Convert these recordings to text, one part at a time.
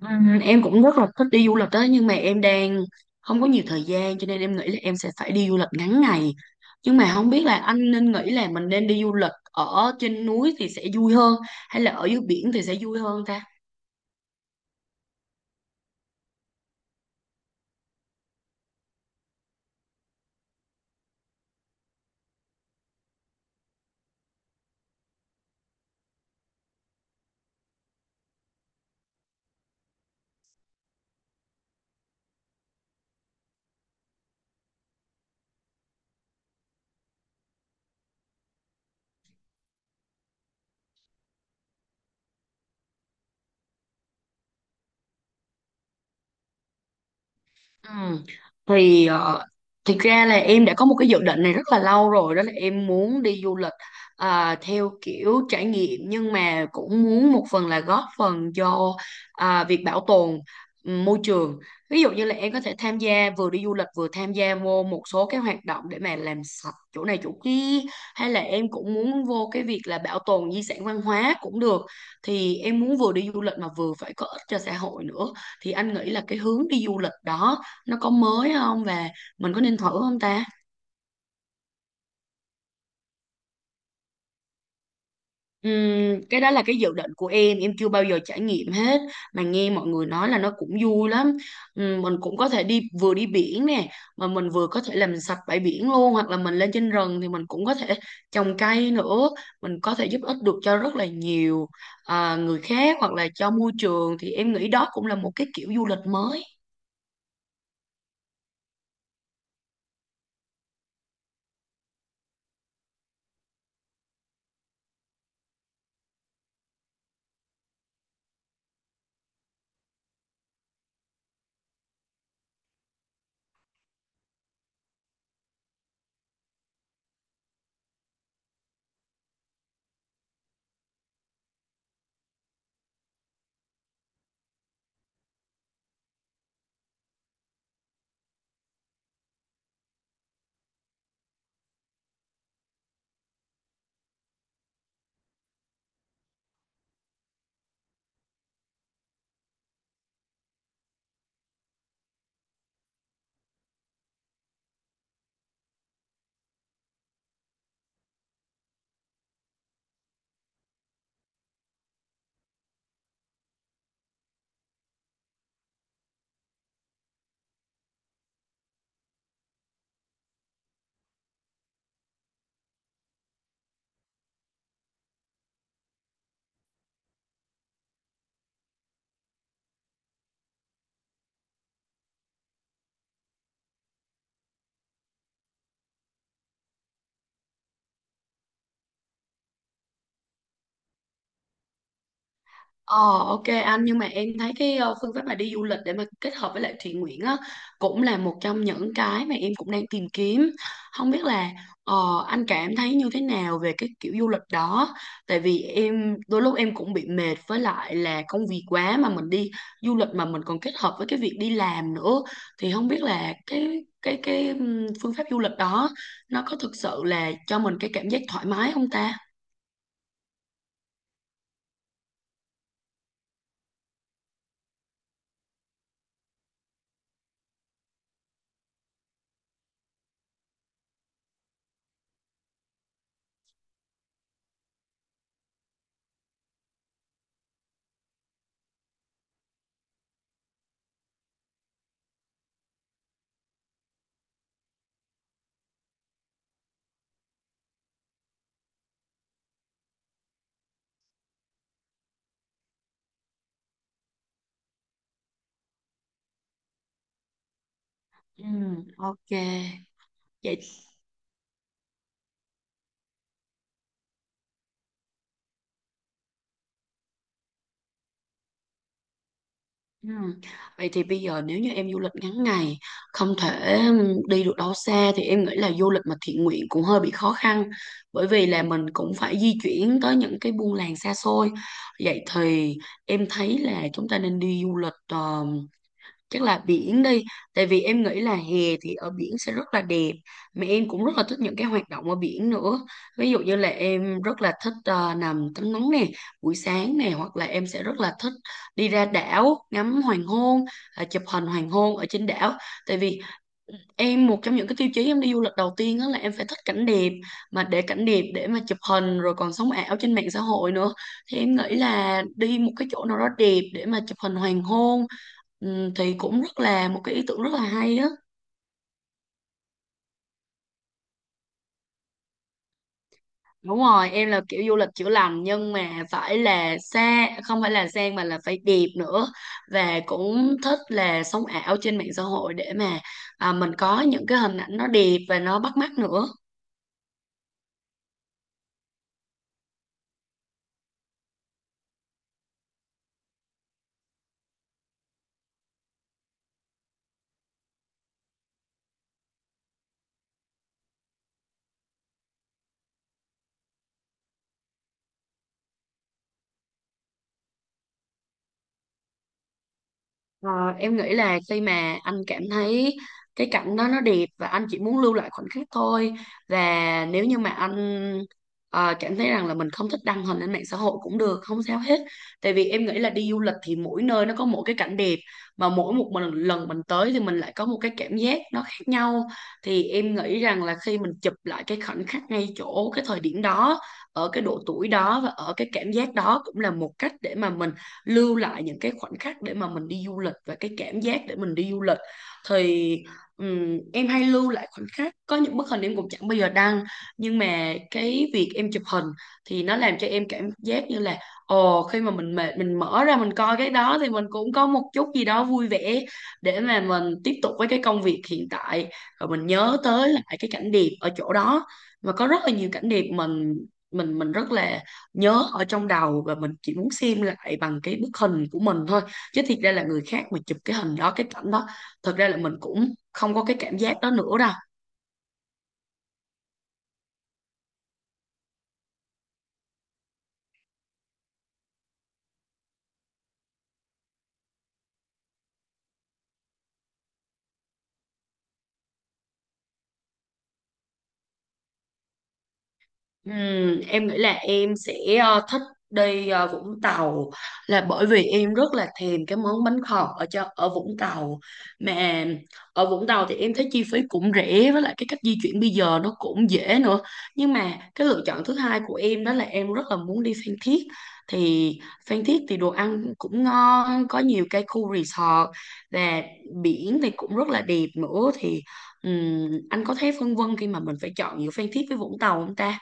Em cũng rất là thích đi du lịch đó nhưng mà em đang không có nhiều thời gian cho nên em nghĩ là em sẽ phải đi du lịch ngắn ngày, nhưng mà không biết là anh nên nghĩ là mình nên đi du lịch ở trên núi thì sẽ vui hơn hay là ở dưới biển thì sẽ vui hơn ta? Ừ. Thì thực ra là em đã có một cái dự định này rất là lâu rồi, đó là em muốn đi du lịch theo kiểu trải nghiệm, nhưng mà cũng muốn một phần là góp phần cho việc bảo tồn môi trường. Ví dụ như là em có thể tham gia vừa đi du lịch vừa tham gia vô một số cái hoạt động để mà làm sạch chỗ này chỗ kia, hay là em cũng muốn vô cái việc là bảo tồn di sản văn hóa cũng được. Thì em muốn vừa đi du lịch mà vừa phải có ích cho xã hội nữa, thì anh nghĩ là cái hướng đi du lịch đó nó có mới không, và mình có nên thử không ta? Cái đó là cái dự định của em chưa bao giờ trải nghiệm hết mà nghe mọi người nói là nó cũng vui lắm. Mình cũng có thể đi, vừa đi biển nè mà mình vừa có thể làm sạch bãi biển luôn, hoặc là mình lên trên rừng thì mình cũng có thể trồng cây nữa. Mình có thể giúp ích được cho rất là nhiều người khác hoặc là cho môi trường, thì em nghĩ đó cũng là một cái kiểu du lịch mới. Ờ ok anh, nhưng mà em thấy cái phương pháp mà đi du lịch để mà kết hợp với lại thiện nguyện á cũng là một trong những cái mà em cũng đang tìm kiếm. Không biết là ờ, anh cảm thấy như thế nào về cái kiểu du lịch đó. Tại vì em đôi lúc em cũng bị mệt với lại là công việc quá, mà mình đi du lịch mà mình còn kết hợp với cái việc đi làm nữa, thì không biết là cái phương pháp du lịch đó nó có thực sự là cho mình cái cảm giác thoải mái không ta? Ừ ok. Vậy. Ừ. Vậy thì bây giờ nếu như em du lịch ngắn ngày không thể đi được đâu xa, thì em nghĩ là du lịch mà thiện nguyện cũng hơi bị khó khăn, bởi vì là mình cũng phải di chuyển tới những cái buôn làng xa xôi. Vậy thì em thấy là chúng ta nên đi du lịch chắc là biển đi, tại vì em nghĩ là hè thì ở biển sẽ rất là đẹp, mà em cũng rất là thích những cái hoạt động ở biển nữa. Ví dụ như là em rất là thích nằm tắm nắng nè buổi sáng nè, hoặc là em sẽ rất là thích đi ra đảo ngắm hoàng hôn, chụp hình hoàng hôn ở trên đảo. Tại vì em, một trong những cái tiêu chí em đi du lịch đầu tiên đó là em phải thích cảnh đẹp, mà để cảnh đẹp để mà chụp hình rồi còn sống ảo trên mạng xã hội nữa, thì em nghĩ là đi một cái chỗ nào đó đẹp để mà chụp hình hoàng hôn thì cũng rất là một cái ý tưởng rất là hay á. Đúng rồi, em là kiểu du lịch chữa lành nhưng mà phải là xa, không phải là sang mà là phải đẹp nữa, và cũng thích là sống ảo trên mạng xã hội để mà mình có những cái hình ảnh nó đẹp và nó bắt mắt nữa. Ờ, em nghĩ là khi mà anh cảm thấy cái cảnh đó nó đẹp và anh chỉ muốn lưu lại khoảnh khắc thôi, và nếu như mà anh cảm thấy rằng là mình không thích đăng hình lên mạng xã hội cũng được, không sao hết. Tại vì em nghĩ là đi du lịch thì mỗi nơi nó có một cái cảnh đẹp, mà mỗi một lần mình tới thì mình lại có một cái cảm giác nó khác nhau. Thì em nghĩ rằng là khi mình chụp lại cái khoảnh khắc ngay chỗ cái thời điểm đó, ở cái độ tuổi đó và ở cái cảm giác đó, cũng là một cách để mà mình lưu lại những cái khoảnh khắc để mà mình đi du lịch và cái cảm giác để mình đi du lịch. Thì em hay lưu lại khoảnh khắc, có những bức hình em cũng chẳng bao giờ đăng, nhưng mà cái việc em chụp hình thì nó làm cho em cảm giác như là, ồ, khi mà mình mệt mình mở ra mình coi cái đó thì mình cũng có một chút gì đó vui vẻ để mà mình tiếp tục với cái công việc hiện tại, rồi mình nhớ tới lại cái cảnh đẹp ở chỗ đó. Và có rất là nhiều cảnh đẹp mình mình rất là nhớ ở trong đầu, và mình chỉ muốn xem lại bằng cái bức hình của mình thôi, chứ thiệt ra là người khác mà chụp cái hình đó, cái cảnh đó, thật ra là mình cũng không có cái cảm giác đó nữa đâu. Em nghĩ là em sẽ thích đi Vũng Tàu, là bởi vì em rất là thèm cái món bánh khọt ở Vũng Tàu. Mà ở Vũng Tàu thì em thấy chi phí cũng rẻ, với lại cái cách di chuyển bây giờ nó cũng dễ nữa. Nhưng mà cái lựa chọn thứ hai của em đó là em rất là muốn đi Phan Thiết. Thì Phan Thiết thì đồ ăn cũng ngon, có nhiều cái khu resort, và biển thì cũng rất là đẹp nữa. Thì anh có thấy phân vân khi mà mình phải chọn giữa Phan Thiết với Vũng Tàu không ta?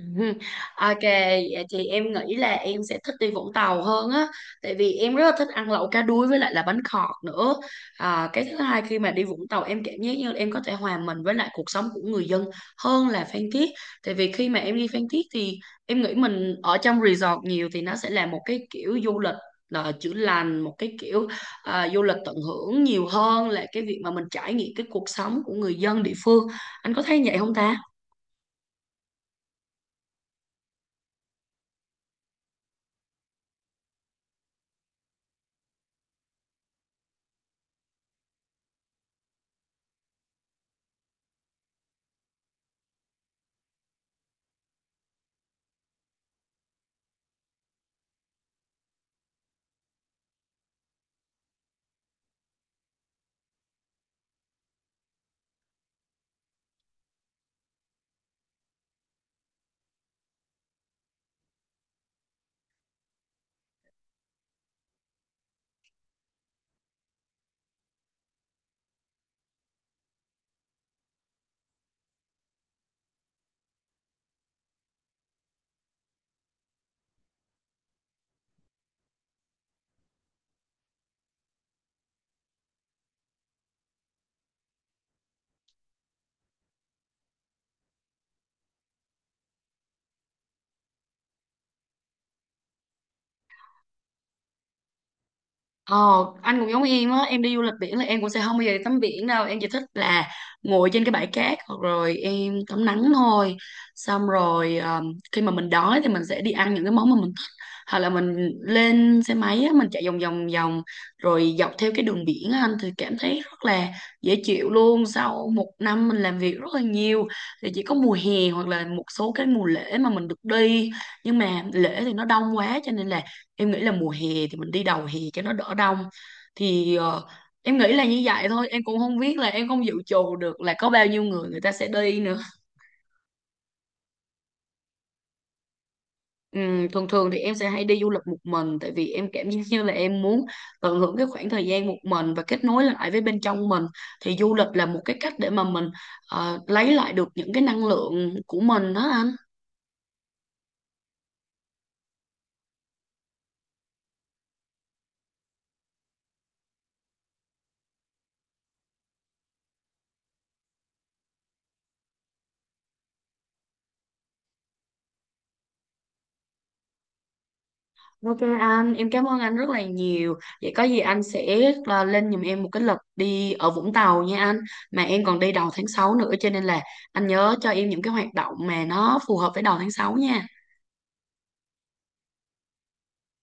Ừ. Ok, vậy thì em nghĩ là em sẽ thích đi Vũng Tàu hơn á. Tại vì em rất là thích ăn lẩu cá đuối với lại là bánh khọt nữa. Cái thứ hai, khi mà đi Vũng Tàu em cảm giác như là em có thể hòa mình với lại cuộc sống của người dân hơn là Phan Thiết. Tại vì khi mà em đi Phan Thiết thì em nghĩ mình ở trong resort nhiều thì nó sẽ là một cái kiểu du lịch là chữa lành, một cái kiểu du lịch tận hưởng nhiều hơn là cái việc mà mình trải nghiệm cái cuộc sống của người dân địa phương. Anh có thấy vậy không ta? Ờ, anh cũng giống em á, em đi du lịch biển là em cũng sẽ không bao giờ đi tắm biển đâu, em chỉ thích là ngồi trên cái bãi cát hoặc rồi em tắm nắng thôi. Xong rồi khi mà mình đói thì mình sẽ đi ăn những cái món mà mình thích. Hoặc là mình lên xe máy á, mình chạy vòng vòng vòng rồi dọc theo cái đường biển á, anh thì cảm thấy rất là dễ chịu luôn. Sau một năm mình làm việc rất là nhiều thì chỉ có mùa hè hoặc là một số cái mùa lễ mà mình được đi. Nhưng mà lễ thì nó đông quá cho nên là em nghĩ là mùa hè thì mình đi đầu hè cho nó đỡ đông. Thì em nghĩ là như vậy thôi, em cũng không biết, là em không dự trù được là có bao nhiêu người người ta sẽ đi nữa. Thường thường thì em sẽ hay đi du lịch một mình, tại vì em cảm giác như là em muốn tận hưởng cái khoảng thời gian một mình và kết nối lại với bên trong mình. Thì du lịch là một cái cách để mà mình lấy lại được những cái năng lượng của mình đó anh. Ok anh, em cảm ơn anh rất là nhiều. Vậy có gì anh sẽ lên giùm em một cái lịch đi ở Vũng Tàu nha anh. Mà em còn đi đầu tháng 6 nữa cho nên là anh nhớ cho em những cái hoạt động mà nó phù hợp với đầu tháng 6 nha.